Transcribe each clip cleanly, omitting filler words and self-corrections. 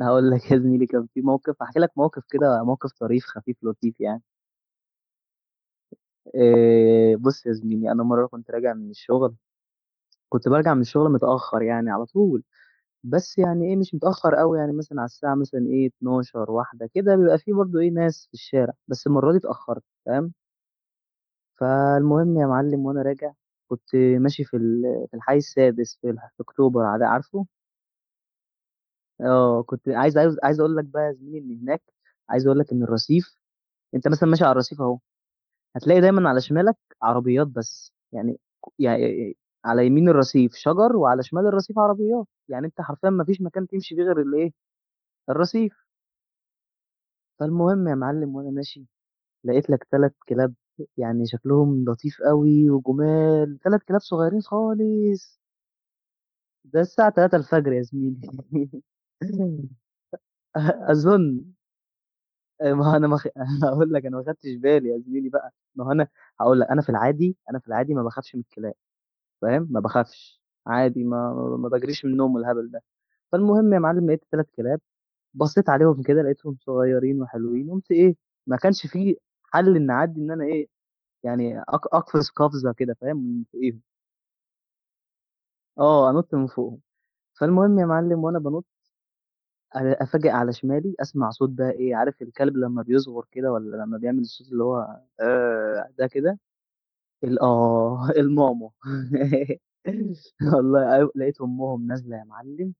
هقول لك يا زميلي، كان في موقف. هحكي لك موقف كده، موقف طريف خفيف لطيف يعني. إيه، بص يا زميلي، انا مره كنت برجع من الشغل متاخر، يعني على طول، بس يعني ايه، مش متاخر قوي، يعني مثلا على الساعه مثلا ايه 12 واحده كده، بيبقى في برضو ايه ناس في الشارع، بس المره دي اتاخرت تمام. فالمهم يا معلم، وانا راجع كنت ماشي في في الحي السادس، في في اكتوبر، عارفه. اه، كنت عايز اقول لك بقى يا زميلي ان هناك، عايز اقول لك ان الرصيف، انت مثلا ماشي على الرصيف اهو، هتلاقي دايما على شمالك عربيات، بس يعني على يمين الرصيف شجر وعلى شمال الرصيف عربيات، يعني انت حرفيا ما فيش مكان تمشي فيه غير الايه، الرصيف. فالمهم يا معلم، وانا ماشي لقيت لك ثلاث كلاب، يعني شكلهم لطيف قوي وجمال، ثلاث كلاب صغيرين خالص. ده الساعة 3 الفجر يا زميلي. اظن. ما هو انا ما خ... هقول لك، انا ما خدتش بالي يا زميلي بقى. ما هو انا هقول لك، انا في العادي ما بخافش من الكلاب، فاهم، ما باخافش، عادي. ما باجريش من النوم والهبل ده. فالمهم يا معلم لقيت 3 كلاب، بصيت عليهم كده لقيتهم صغيرين وحلوين، قُمت إيه، ما كانش في حل إن أعدّي، إن أنا إيه، يعني أقفز قفزة كده فاهم، من فوقيهم. آه، أنُط من فوقهم. فالمهم يا معلم، وأنا بانُط أفاجئ على شمالي، أسمع صوت بقى إيه، عارف الكلب لمّا بيصغر كده والّا لمّا بيعمل الصوت اللي هو ده كده. آه، الماما والله أيوه، لقيت أمهم نازلة يا معلم.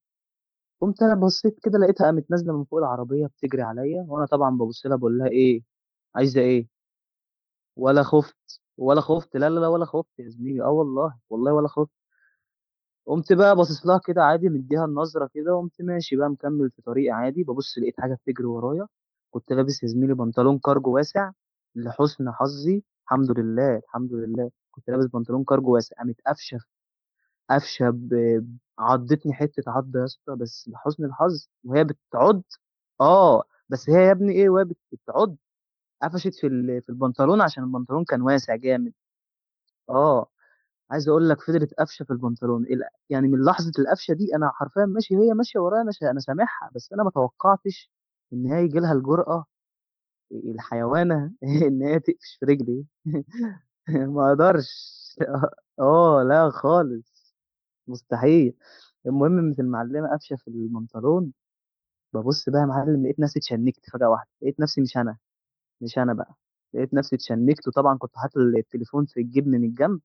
قمت انا بصيت كده، لقيتها قامت نازله من فوق العربيه بتجري عليا، وانا طبعا ببص لها، بقول لها ايه عايزه ايه. ولا خفت، ولا خفت، لا لا لا، ولا خفت يا زميلي، اه والله، والله ولا خفت. قمت بقى باصص لها كده عادي، مديها النظره كده، وقمت ماشي بقى مكمل في طريقي عادي، ببص لقيت حاجه بتجري ورايا. كنت لابس يا زميلي بنطلون كارجو واسع، لحسن حظي، الحمد لله الحمد لله، كنت لابس بنطلون كارجو واسع، قامت قافشه، قفشة ب، عضّتني حتّة عضّة يا اسطى، بس لحُسن الحظ وهي بتعُض، آه، بس هي يا ابني إيه، وهي بتعُض قفشت في في البنطلون، عشان البنطلون كان واسع جامد. آه، عايز أقول لك، فضلت قافشة في البنطلون ال، يعني من لحظة القفشة دي أنا حرفيًا ماشي وهي ماشية ورايا، أنا أنا سامعها، بس أنا ما توقّعتش إن هي ييجي لها الجرأة، الحيوانة، إن هي تقفش في رجلي. ما أقدرش. آه، آه، لأ خالص. مستحيل. المهم قامت المعلمة قافشة في البنطلون، بابُص بقى يا معلم، لقيت نفسي اتشنِّكت فجأة واحدة، لقيت نفسي مش أنا، مش أنا بقى، لقيت نفسي اتشنِّكت، وطبعًا كنت حاطط التليفون في الجيب من الجنب،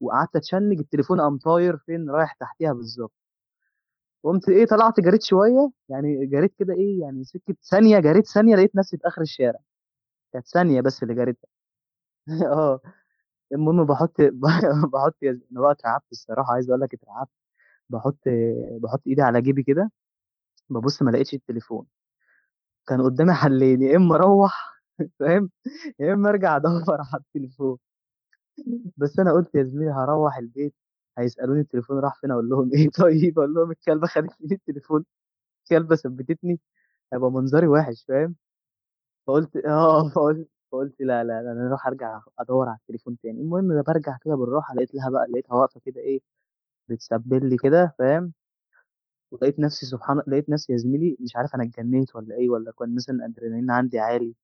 وقعدت أتشنِّج، التليفون قام طاير فين، رايح تحتيها بالضبط. قُمت إيه، طلعت جريت شوية، يعني جريت كده إيه، يعني سكة ثانية، جريت ثانية، لقيت نفسي في آخر الشارع، كانت ثانية بس اللي جريتها. آه، المهم باحُط يد أنا بقى اترعبت الصراحة، عايز أقول لك اترعبت، باحُط باحُط إيدي على جيبي كده، بابُص ما لقيتش التليفون. كان قدامي حلين، يا إما أروّح فاهم، يا إما أرجع أدوّر على التليفون. بس أنا قُلت يا زميلي، هاروّح البيت هيسألوني التليفون راح فين، أقول لهم إيه، طيب، أقول لهم الكلبة خدت مني التليفون، الكلبة ثبّتتني، هيبقى منظري وِحِش فاهم. فقُلت آه، فقُلت لا، لا، لا، أنا هاروح أرجع أدوّر على التليفون تاني. المهم أنا بارجع كده بالراحة، لقيت لها بقى، لقيتها واقفة كده إيه، بتسبّل لي كده فاهم. ولقيت نَفْسي سبحان، لقيت نَفْسي يا زميلي مش عارف أنا اتجنّيت والّا إيه، والّا كان مثلًا الأدرينالين عندي عالي.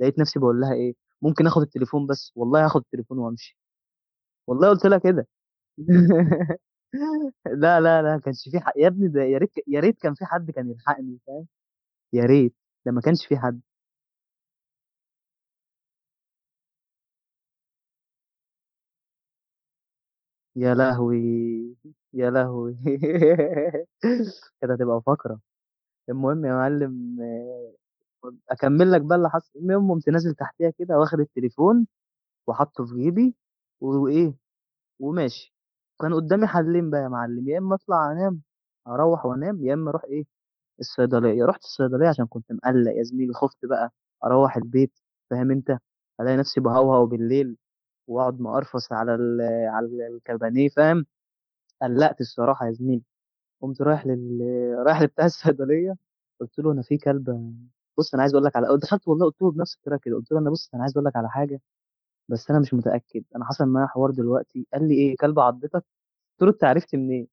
لقيت نفسي باقول لها إيه، ممكن آخُد التليفون بس، والله هاخُد التليفون وأمشي، والله قُلت لها كده. لا، لا، لا، ما كانش في ح، يا ابني ده، يا ريت يا ريت كان في حد كان يلحقني فاهم. يا ريت. ده ما كانش في حد. يا لهوي! يا لهوي! كانت هتبقى فقرة. المهم يا معلم، آه، أكمّل لك بقى اللي حصل. المهم قُمت نازل تحتيها كده، واخد التليفون وحاطّه في جيبي، وإيه، وماشي. كان قُدّامي حَلّين بقى يا معلم، يا إمّا أطلع أنام، أروّح وأنام، يا إمّا أروح إيه، الصيدلية. رُحت الصيدلية، عشان كنت مقلّق يا زميلي، خُفت بقى أروّح البيت فاهم أنت، ألاقي نفسي باهوهو بالليل، وأقعد مقرفص على ال، على الكابانيه فاهم. قلّقت الصراحة يا زميلي. قُمت رايح لل، رايح لبتاع الصيدلية، قُلت له: "أنا في كلبة، بُص أنا عايز أقول لك على". دخلت والله، قُلت له بنفس الطريقة كده، قُلت له: "أنا بُص، أنا عايز أقول لك على حاجة، بس أنا مش متأكد، أنا حصل معايا حوار دلوقتي." قال لي: "إيه، كلبة عضّتك؟" قُلت له: "أنت عرفت منين؟"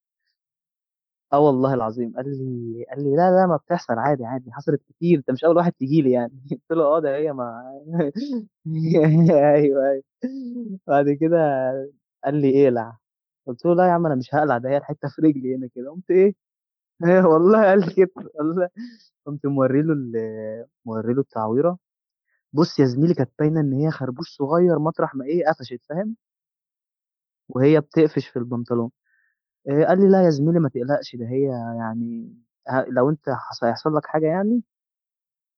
اه، والله العظيم قال لي لا لا، ما بتحصل، عادي عادي، حصلت كتير، انت مش اول واحد تيجي لي يعني. قلت له اه، ده هي ما. ايوه ايوه. بعد كده قال لي اقلع. قلت له لا يا عم، انا مش هقلع، ده هي الحته في رجلي هنا كده، قمت ايه. والله قال لي كده، والله. قمت موري له التعويره. بص يا زميلي، كانت باينه ان هي خربوش صغير، مطرح ما ايه قفشت فاهم، وهي بتقفش في البنطلون. قال لي: "لأ يا زميلي ما تقلقش، ده هي، يعني، ه لو أنت حص هيحصل لك حاجة يعني،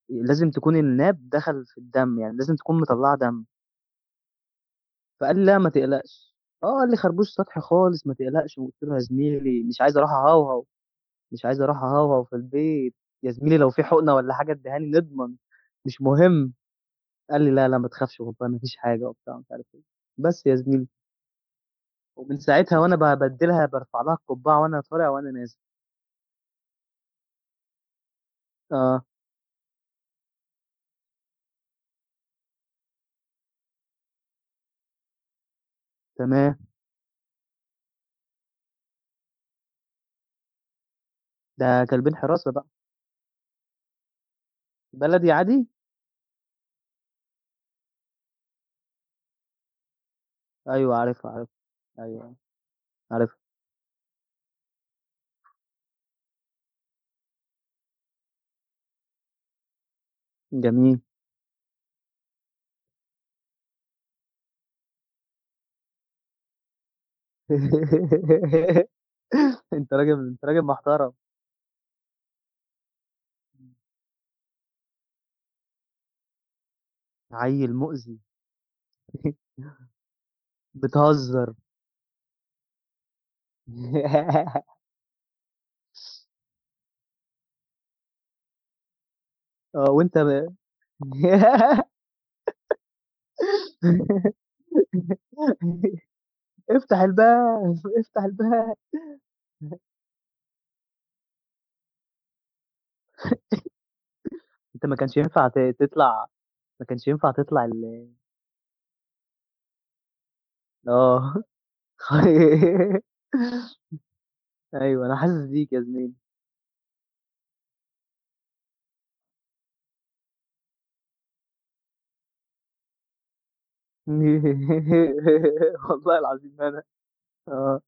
لازم تكون الناب دخل في الدم، يعني لازم تكون مطلّعة دم." فقال لي: "لأ ما تقلقش." آه، قال لي: "خربوش سطحي خالص، ما تقلقش." وقُلت له: "يا زميلي مش عايز أروح أهوهو، مش عايز أروح أهوهو في البيت، يا زميلي لو في حقنة والّا حاجة ادّيها لي نضمن، مش مهم." قال لي: "لأ، لأ، ما تخافش، والله ما فيش حاجة." وبتاع، ومش عارف إيه. بس يا زميلي، ومن ساعتها وأنا بابدّلها، بارفع لها القبّعة وأنا طالع وأنا نازل. آه، تمام، ده كلبين حراسة بقى. بلدي عادي؟ أيوه عارفها، عارفها، أيوه، عارفها، جميل. أنت راجل محترم، عيّل مؤذي، بتهزر. آه، وأنت ب افتح الباب، افتح الباب. أنت ما كانش ينفع تطلع، ما كانش ينفع تطلع ال. آه. أيوه، أنا حاسس بيك يا زميلي. والله العظيم أنا. آه.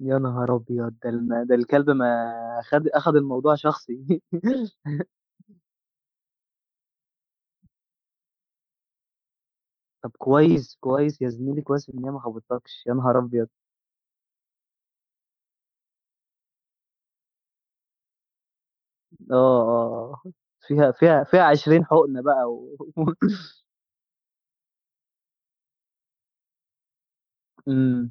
يا نهار أبيض! ده الكلب ما خد، أخد الموضوع شخصي. طب كويس، كويس يا زميلي، كويس إن هي ما خبطتكش، يا نهار أبيض! آه، آه، آه. فيها 20 حقنة بقى و. إمم.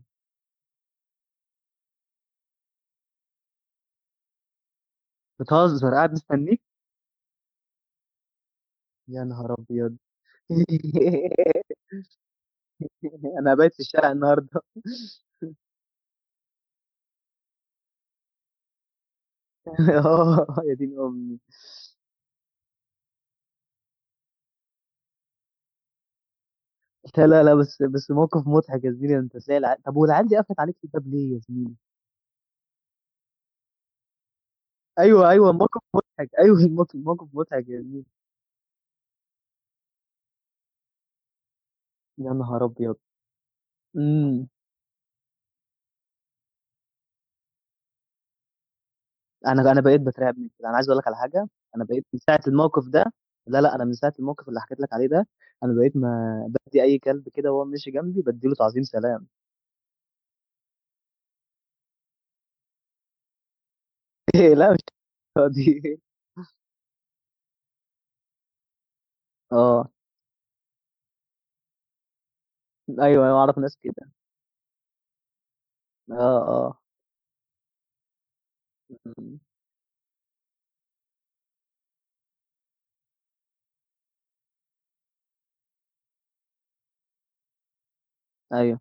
بتهزر قاعد مستنيك؟ يا نهار أبيض! أنا هابات في الشارع النهارده. آه، يا دين أمي. لا، لا، لا، بس بس موقف مضحك يا زميلي، أنت إزاي الع، طب والعيال دي قفلت عليك الباب ليه يا زميلي؟ أيوه، أيوه، موقف مضحك، أيوه، الموقف موقف مضحك يا زميلي. يا نهار أبيض! إمم. أنا بقيت باترعب من كده. أنا عايز أقول لك على حاجة، أنا بقيت من ساعة الموقف ده، لا، لأ، أنا من ساعة الموقف اللي حكيت لك عليه ده، أنا بقيت ما بادّي أي كلب كده وهو ماشي جنبي بادّي له تعظيم سلام. إيه، لأ، مش الدرجة دي. آه. أيوه، أيوه أعرف ناس كده. آه، آه. إمم. أيوه.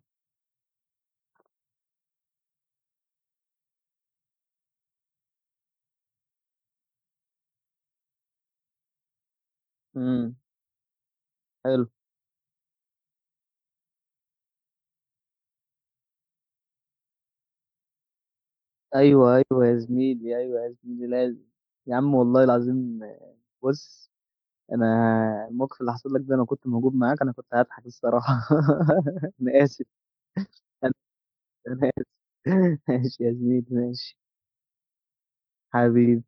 إمم. حلو. أيوه، أيوه يا زميلي، أيوه يا زميلي لازم. يا عم، والله العظيم، بُص، أنا الموقف اللي حصل لك ده لو كنت موجود معاك أنا كنت هاضحك الصراحة. أنا آسف. أنا أنا آسف ماشي يا زميلي، ماشي، حبيبي